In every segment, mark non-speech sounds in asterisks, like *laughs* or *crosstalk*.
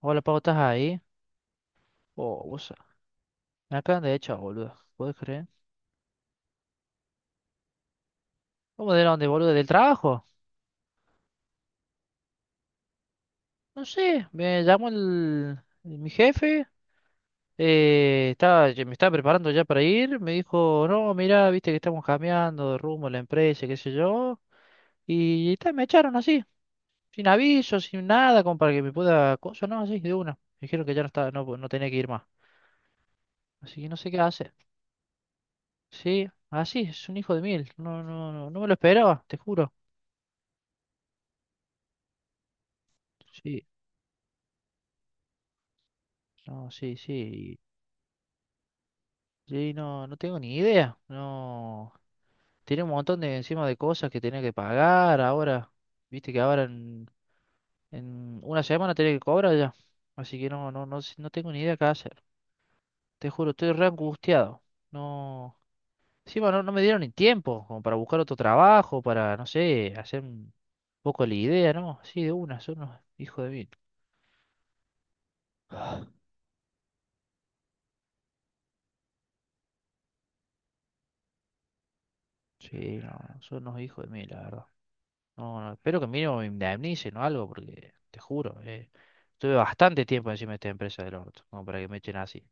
Hola, Pau, ¿estás ahí? Oh, vos. Me acaban de echar, boludo. ¿Puedes creer? ¿Cómo de dónde, boludo? ¿Del trabajo? No sé, me llamó mi jefe. Ya me estaba preparando ya para ir. Me dijo, no, mira, viste que estamos cambiando de rumbo la empresa, qué sé yo. Y, ta, me echaron así, sin aviso, sin nada, como para que me pueda. Cosa, no, así, de una. Me dijeron que ya no tenía que ir más. Así que no sé qué hacer. Sí, así, es un hijo de mil. No, no, no, no me lo esperaba, te juro. Sí. No, sí, sí. Sí, no tengo ni idea. No. Tiene un montón de encima de cosas que tenía que pagar ahora. Viste que ahora en una semana tenía que cobrar ya. Así que no tengo ni idea qué hacer. Te juro, estoy re angustiado. No. Encima no me dieron ni tiempo como para buscar otro trabajo, para, no sé, hacer un poco la idea, ¿no? Sí, de una, son unos hijos de mil. Sí, no, son unos hijos de mil, la verdad. No, no, espero que mínimo me indemnicen o algo, porque te juro, eh. Tuve bastante tiempo encima de esta empresa del orto, como para que me echen así.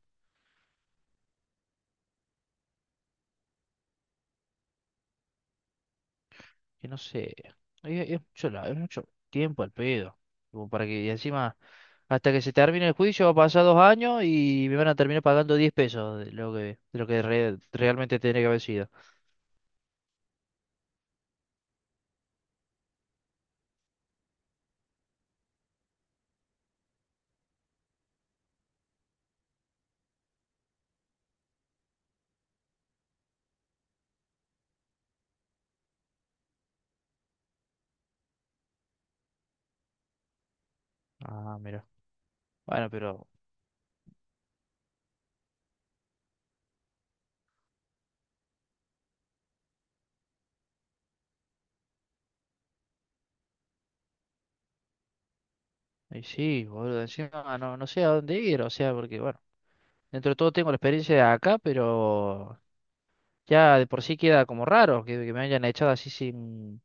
Que no sé, es mucho tiempo al pedo. Como para que, y encima, hasta que se termine el juicio, va a pasar 2 años y me van a terminar pagando 10 pesos de lo que, realmente tendría que haber sido. Ah, mira. Bueno, pero, y sí, boludo, encima no sé a dónde ir, o sea, porque, bueno, dentro de todo tengo la experiencia de acá, pero ya de por sí queda como raro que me hayan echado así sin,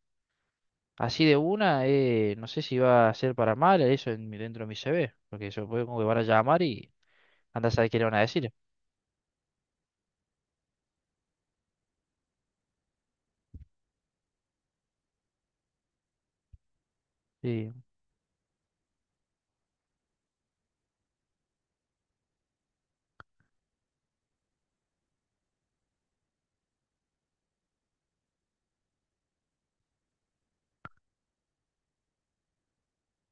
así de una, no sé si va a ser para mal eso dentro de mi CV, porque eso puede como que van a llamar y anda a saber qué le van a decir. Y,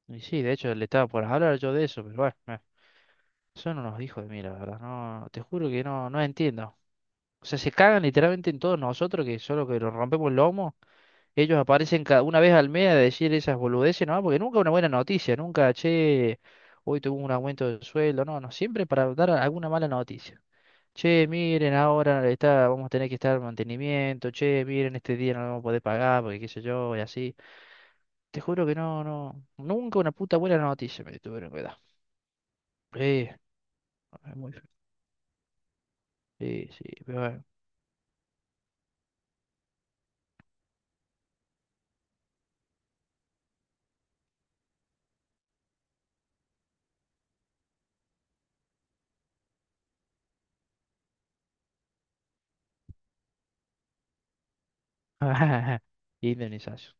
y sí, de hecho le estaba por hablar yo de eso, pero bueno, son unos hijos de mí, la verdad, no, te juro que no entiendo. O sea, se cagan literalmente en todos nosotros, que solo que nos rompemos el lomo, ellos aparecen cada una vez al mes a decir esas boludeces, ¿no? Porque nunca una buena noticia, nunca, che, hoy tuvo un aumento de sueldo, no, no, siempre para dar alguna mala noticia. Che, miren, ahora está, vamos a tener que estar en mantenimiento. Che, miren, este día no lo vamos a poder pagar porque qué sé yo, y así. Te juro que no, no. Nunca una puta buena noticia me tuvieron que dar. Sí, es muy feo. Sí, sí, pero bueno. *laughs* Indemnización.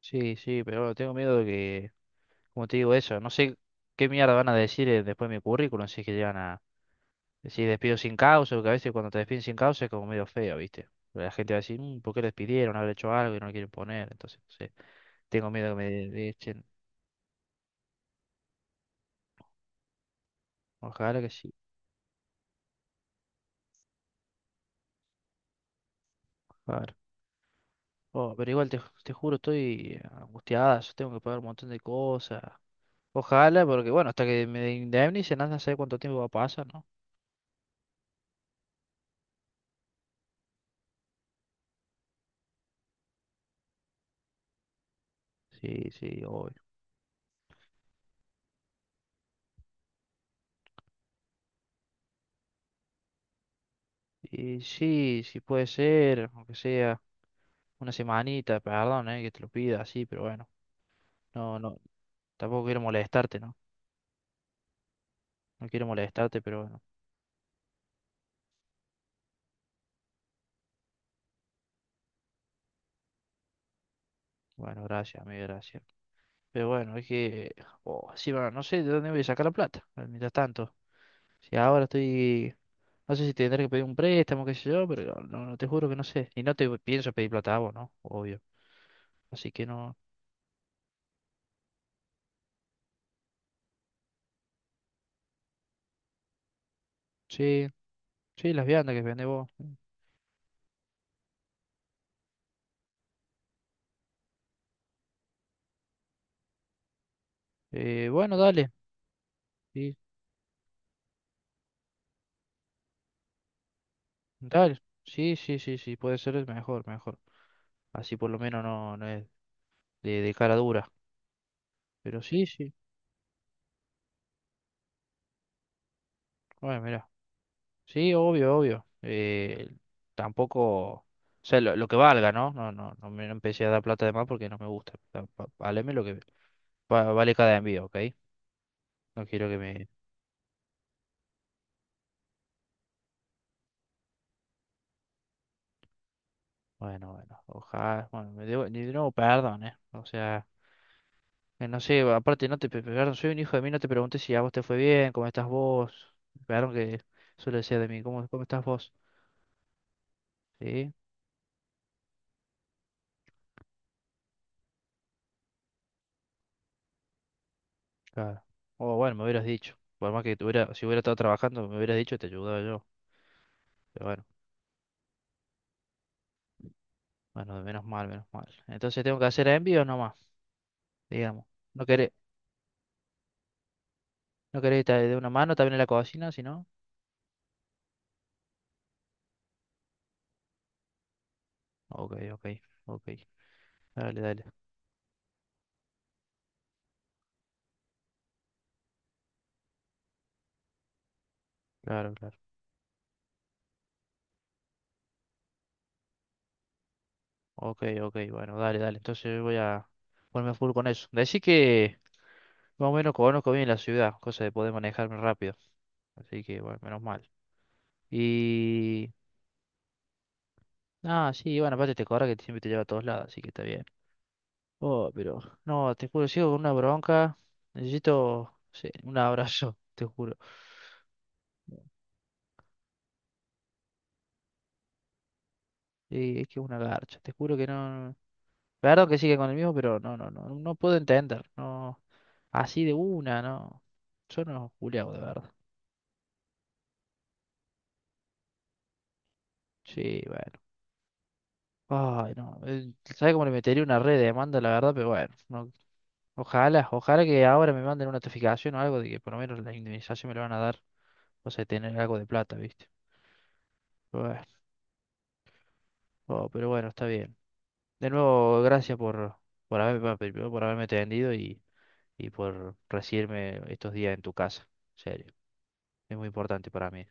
Sí, sí, pero bueno, tengo miedo de que, como te digo eso, no sé qué mierda van a decir después de mi currículum si es que llegan a decir despido sin causa, porque a veces cuando te despiden sin causa es como medio feo, ¿viste? La gente va a decir, "Mm, ¿por qué lo despidieron? Haber hecho algo y no lo quieren poner, entonces. Sí." Tengo miedo que me echen. Ojalá que sí. Ojalá. Oh, pero igual te, te juro, estoy angustiada. Yo tengo que pagar un montón de cosas. Ojalá, porque bueno, hasta que me indemnicen, anda a saber cuánto tiempo va a pasar, ¿no? Sí, sí, obvio. Y sí, sí puede ser, aunque sea una semanita, perdón, que te lo pida así, pero bueno. No, no, tampoco quiero molestarte, ¿no? No quiero molestarte, pero bueno. Bueno, gracias, amigo, gracias. Pero bueno, es que. Oh, sí, bueno, no sé de dónde voy a sacar la plata, mientras tanto. Si ahora estoy. No sé si tendré que pedir un préstamo, qué sé yo, pero no, no te juro que no sé. Y no te pienso pedir plata a vos, ¿no? Obvio. Así que no. Sí, sí, las viandas que vendés vos. Bueno, dale. Sí, dale. Sí, sí, sí, sí, puede ser es mejor, mejor. Así por lo menos no es de cara dura. Pero sí, sí. Bueno, mira. Sí, obvio, obvio. Tampoco. O sea, lo que valga, ¿no? No, no, no me no empecé a dar plata de más porque no me gusta. Valeme lo que vale cada envío, ¿ok? No quiero que me. Bueno, bueno, ojalá, bueno, de nuevo perdón, ¿eh? O sea, que no sé, aparte no te, pe- perdón, soy un hijo de mí, no te pregunté si a vos te fue bien, cómo estás vos, perdón que suele decir de mí, ¿cómo estás vos? Sí, claro. O bueno, me hubieras dicho, por más que tuviera, si hubiera estado trabajando, me hubieras dicho y te ayudaba yo, pero bueno, bueno, menos mal, menos mal. Entonces tengo que hacer envíos nomás, digamos, no querés, no querés estar de una mano también en la cocina, si no, ok, ok, ok, dale, dale, claro, claro. Ok, ok, bueno, dale, dale. Entonces voy a ponerme a full con eso. Decí que más o menos conozco bien la ciudad, cosa de poder manejarme rápido. Así que, bueno, menos mal. Y. Ah, sí, bueno, aparte te corre que siempre te lleva a todos lados, así que está bien. Oh, pero. No, te juro, sigo con una bronca. Necesito, sí, un abrazo, *laughs* te juro. Y es que es una garcha, te juro que no. Claro que sigue con el mismo, pero no, no, no, no puedo entender. No, así de una, no. Yo no, Julián, de verdad. Sí, bueno. Ay, no. ¿Sabe cómo le metería una red de demanda, la verdad? Pero bueno, ojalá, ojalá que ahora me manden una notificación o algo de que por lo menos la indemnización me la van a dar. O sea, tener algo de plata, ¿viste? Pero bueno, oh, pero bueno, está bien. De nuevo, gracias por haberme, primero por haberme atendido y por recibirme estos días en tu casa. En serio, es muy importante para mí.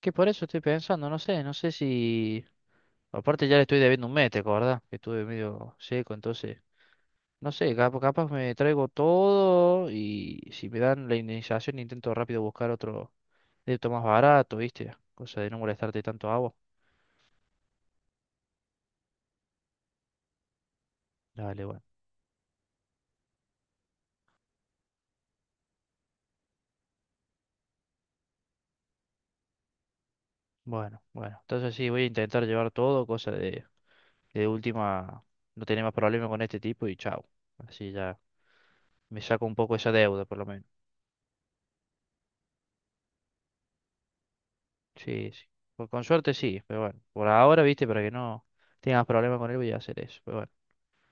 Que por eso estoy pensando, no sé si. Aparte ya le estoy debiendo un mes, ¿te acordás? Que estuve medio seco, entonces. No sé, capaz me traigo todo y si me dan la indemnización intento rápido buscar otro débito más barato, ¿viste? Cosa de no molestarte tanto a vos. Dale, bueno. Bueno, bueno. Entonces sí, voy a intentar llevar todo, cosa de última, no tener más problemas con este tipo y chao. Así ya me saco un poco esa deuda, por lo menos. Sí, sí. Con suerte sí, pero bueno. Por ahora, ¿viste? Para que no tengas problemas con él voy a hacer eso. Pero bueno.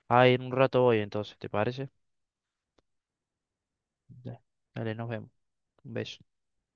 Ahí en un rato voy entonces, ¿te parece? Dale, dale, nos vemos. Un beso.